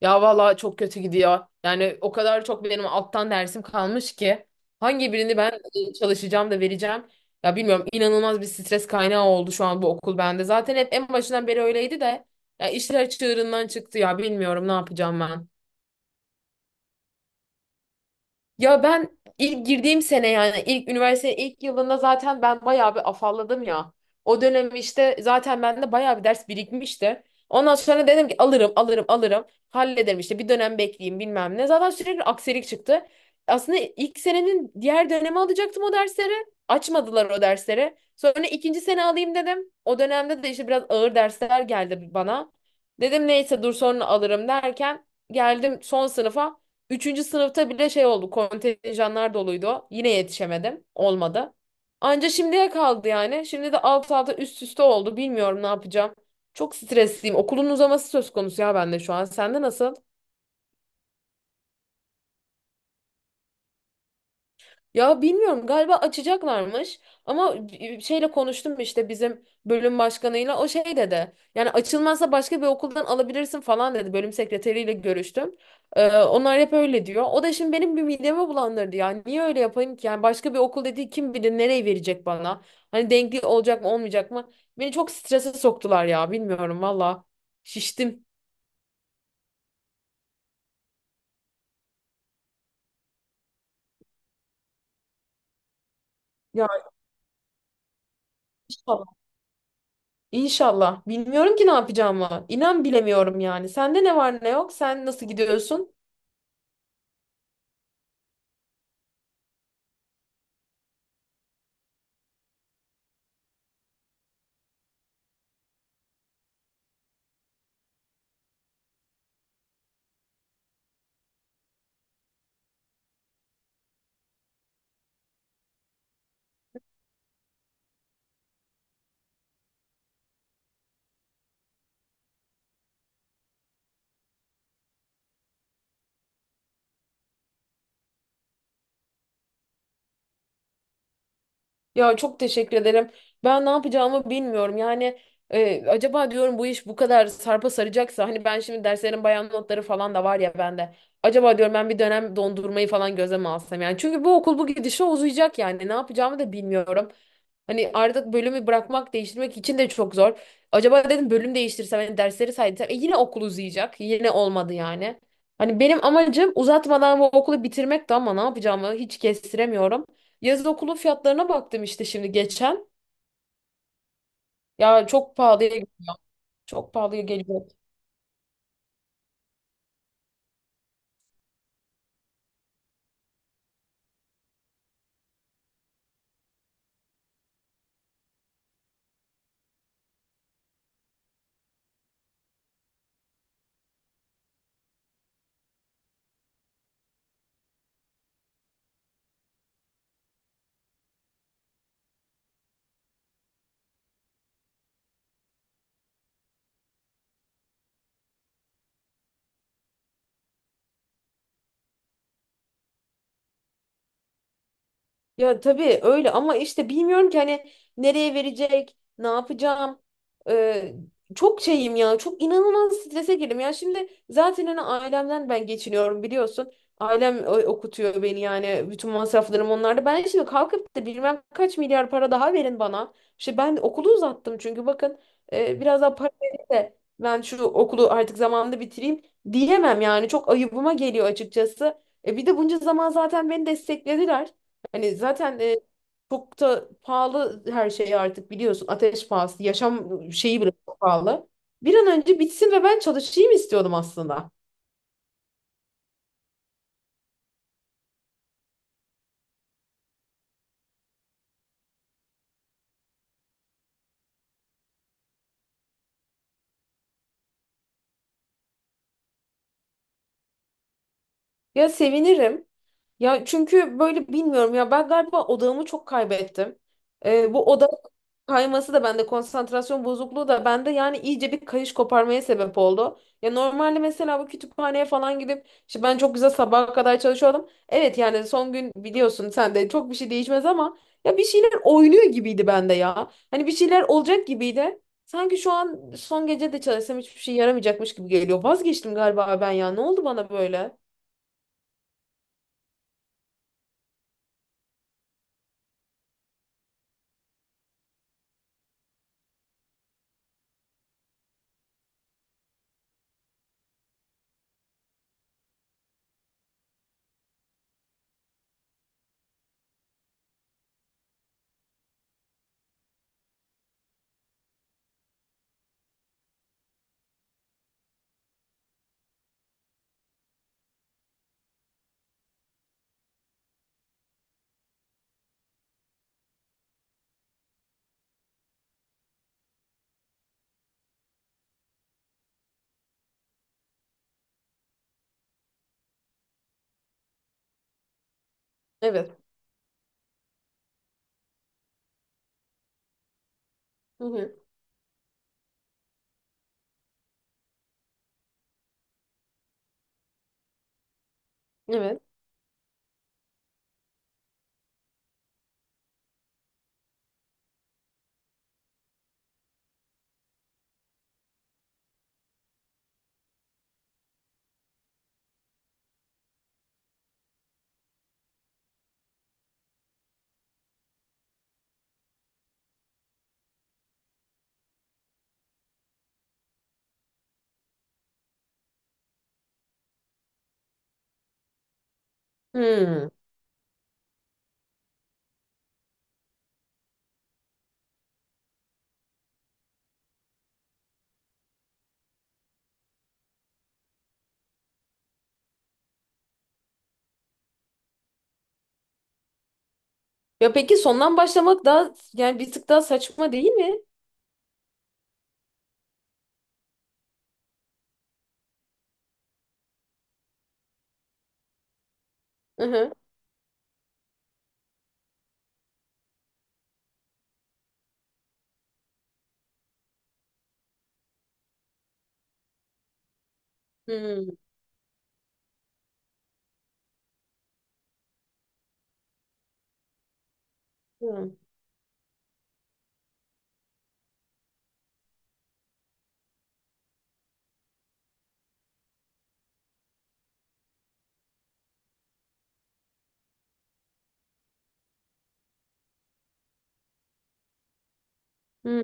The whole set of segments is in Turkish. Ya valla çok kötü gidiyor. Yani o kadar çok benim alttan dersim kalmış ki hangi birini ben çalışacağım da vereceğim. Ya bilmiyorum inanılmaz bir stres kaynağı oldu şu an bu okul bende. Zaten hep en başından beri öyleydi de ya işler çığırından çıktı ya bilmiyorum ne yapacağım ben. Ya ben ilk girdiğim sene yani ilk üniversite ilk yılında zaten ben bayağı bir afalladım ya. O dönem işte zaten bende bayağı bir ders birikmişti. Ondan sonra dedim ki alırım alırım alırım hallederim işte bir dönem bekleyeyim bilmem ne. Zaten sürekli aksilik çıktı. Aslında ilk senenin diğer dönemi alacaktım o dersleri. Açmadılar o dersleri. Sonra ikinci sene alayım dedim. O dönemde de işte biraz ağır dersler geldi bana. Dedim neyse dur sonra alırım derken geldim son sınıfa. Üçüncü sınıfta bile şey oldu. Kontenjanlar doluydu. Yine yetişemedim. Olmadı. Anca şimdiye kaldı yani. Şimdi de alt alta üst üste oldu. Bilmiyorum ne yapacağım. Çok stresliyim. Okulun uzaması söz konusu ya bende şu an. Sende nasıl? Ya bilmiyorum galiba açacaklarmış ama şeyle konuştum işte bizim bölüm başkanıyla o şey dedi. Yani açılmazsa başka bir okuldan alabilirsin falan dedi. Bölüm sekreteriyle görüştüm. Onlar hep öyle diyor. O da şimdi benim bir midemi bulandırdı ya. Niye öyle yapayım ki? Yani başka bir okul dediği kim bilir nereye verecek bana? Hani denkli olacak mı olmayacak mı? Beni çok strese soktular ya bilmiyorum valla. Şiştim. Ya İnşallah. Bilmiyorum ki ne yapacağımı. İnan bilemiyorum yani. Sende ne var ne yok? Sen nasıl gidiyorsun? Ya çok teşekkür ederim. Ben ne yapacağımı bilmiyorum. Yani acaba diyorum bu iş bu kadar sarpa saracaksa hani ben şimdi derslerin bayan notları falan da var ya bende. Acaba diyorum ben bir dönem dondurmayı falan gözeme alsam yani. Çünkü bu okul bu gidişe uzayacak yani. Ne yapacağımı da bilmiyorum. Hani artık bölümü bırakmak, değiştirmek için de çok zor. Acaba dedim bölüm değiştirsem, hani dersleri saydıysam yine okul uzayacak. Yine olmadı yani. Hani benim amacım uzatmadan bu okulu bitirmekti ama ne yapacağımı hiç kestiremiyorum. Yaz okulu fiyatlarına baktım işte şimdi geçen. Ya çok pahalıya çok pahalıya geliyor. Ya tabii öyle ama işte bilmiyorum ki hani nereye verecek, ne yapacağım. Ee, Çok şeyim ya, çok inanılmaz strese girdim. Ya şimdi zaten hani ailemden ben geçiniyorum biliyorsun. Ailem okutuyor beni yani bütün masraflarım onlarda. Ben şimdi kalkıp da bilmem kaç milyar para daha verin bana. İşte ben okulu uzattım çünkü bakın biraz daha para verin de ben şu okulu artık zamanında bitireyim diyemem yani. Çok ayıbıma geliyor açıkçası. Bir de bunca zaman zaten beni desteklediler. Hani zaten çok da pahalı her şey artık biliyorsun. Ateş pahası, yaşam şeyi bile çok pahalı. Bir an önce bitsin ve ben çalışayım istiyordum aslında. Ya sevinirim. Ya çünkü böyle bilmiyorum ya ben galiba odağımı çok kaybettim. Bu odak kayması da bende konsantrasyon bozukluğu da bende yani iyice bir kayış koparmaya sebep oldu. Ya normalde mesela bu kütüphaneye falan gidip işte ben çok güzel sabaha kadar çalışıyordum. Evet yani son gün biliyorsun sen de çok bir şey değişmez ama ya bir şeyler oynuyor gibiydi bende ya. Hani bir şeyler olacak gibiydi. Sanki şu an son gece de çalışsam hiçbir şey yaramayacakmış gibi geliyor. Vazgeçtim galiba ben ya. Ne oldu bana böyle? Evet. Hı hı. Evet. Hmm. Ya peki sondan başlamak daha yani bir tık daha saçma değil mi? Hı hı. Hmm. Hmm.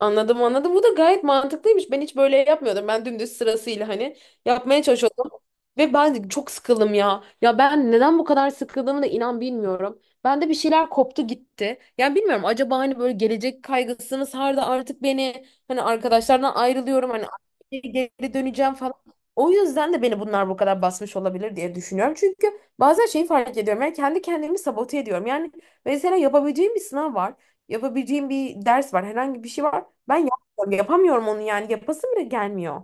Anladım anladım. Bu da gayet mantıklıymış. Ben hiç böyle yapmıyordum. Ben dümdüz sırasıyla hani yapmaya çalışıyordum. Ve ben çok sıkıldım ya. Ya ben neden bu kadar sıkıldığımı da inan bilmiyorum. Bende bir şeyler koptu gitti. Yani bilmiyorum acaba hani böyle gelecek kaygısı mı sardı artık beni. Hani arkadaşlardan ayrılıyorum. Hani geri döneceğim falan. O yüzden de beni bunlar bu kadar basmış olabilir diye düşünüyorum. Çünkü bazen şeyi fark ediyorum. Yani kendi kendimi sabote ediyorum. Yani mesela yapabileceğim bir sınav var. Yapabileceğim bir ders var. Herhangi bir şey var. Ben yapmıyorum, yapamıyorum onu yani yapasım bile gelmiyor.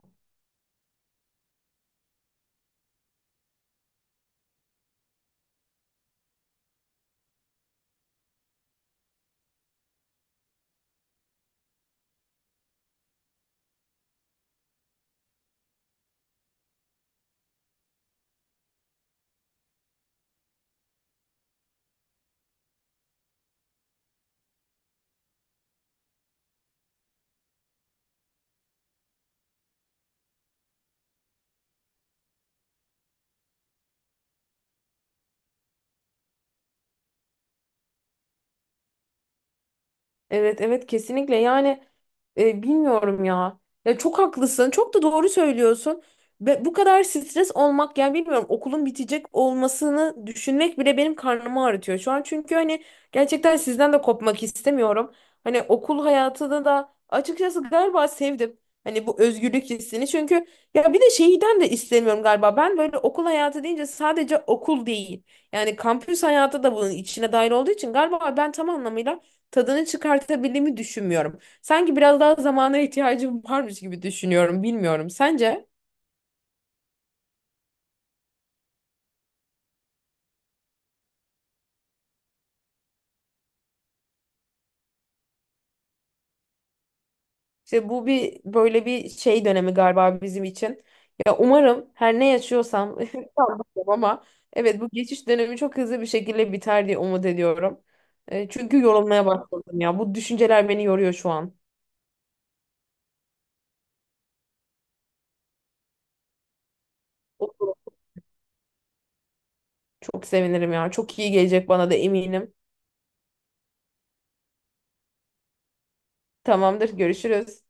Evet evet kesinlikle yani bilmiyorum ya. Ya çok haklısın. Çok da doğru söylüyorsun. Ve bu kadar stres olmak yani bilmiyorum okulun bitecek olmasını düşünmek bile benim karnımı ağrıtıyor şu an. Çünkü hani gerçekten sizden de kopmak istemiyorum. Hani okul hayatını da açıkçası galiba sevdim. Hani bu özgürlük hissini. Çünkü ya bir de şeyden de istemiyorum galiba. Ben böyle okul hayatı deyince sadece okul değil. Yani kampüs hayatı da bunun içine dahil olduğu için galiba ben tam anlamıyla tadını çıkartabildiğimi düşünmüyorum. Sanki biraz daha zamana ihtiyacım varmış gibi düşünüyorum. Bilmiyorum. Sence? İşte bu bir böyle bir şey dönemi galiba bizim için. Ya umarım her ne yaşıyorsam sanmıyorum ama evet bu geçiş dönemi çok hızlı bir şekilde biter diye umut ediyorum. Çünkü yorulmaya başladım ya. Bu düşünceler beni yoruyor şu an. Çok sevinirim ya. Çok iyi gelecek bana da eminim. Tamamdır, görüşürüz.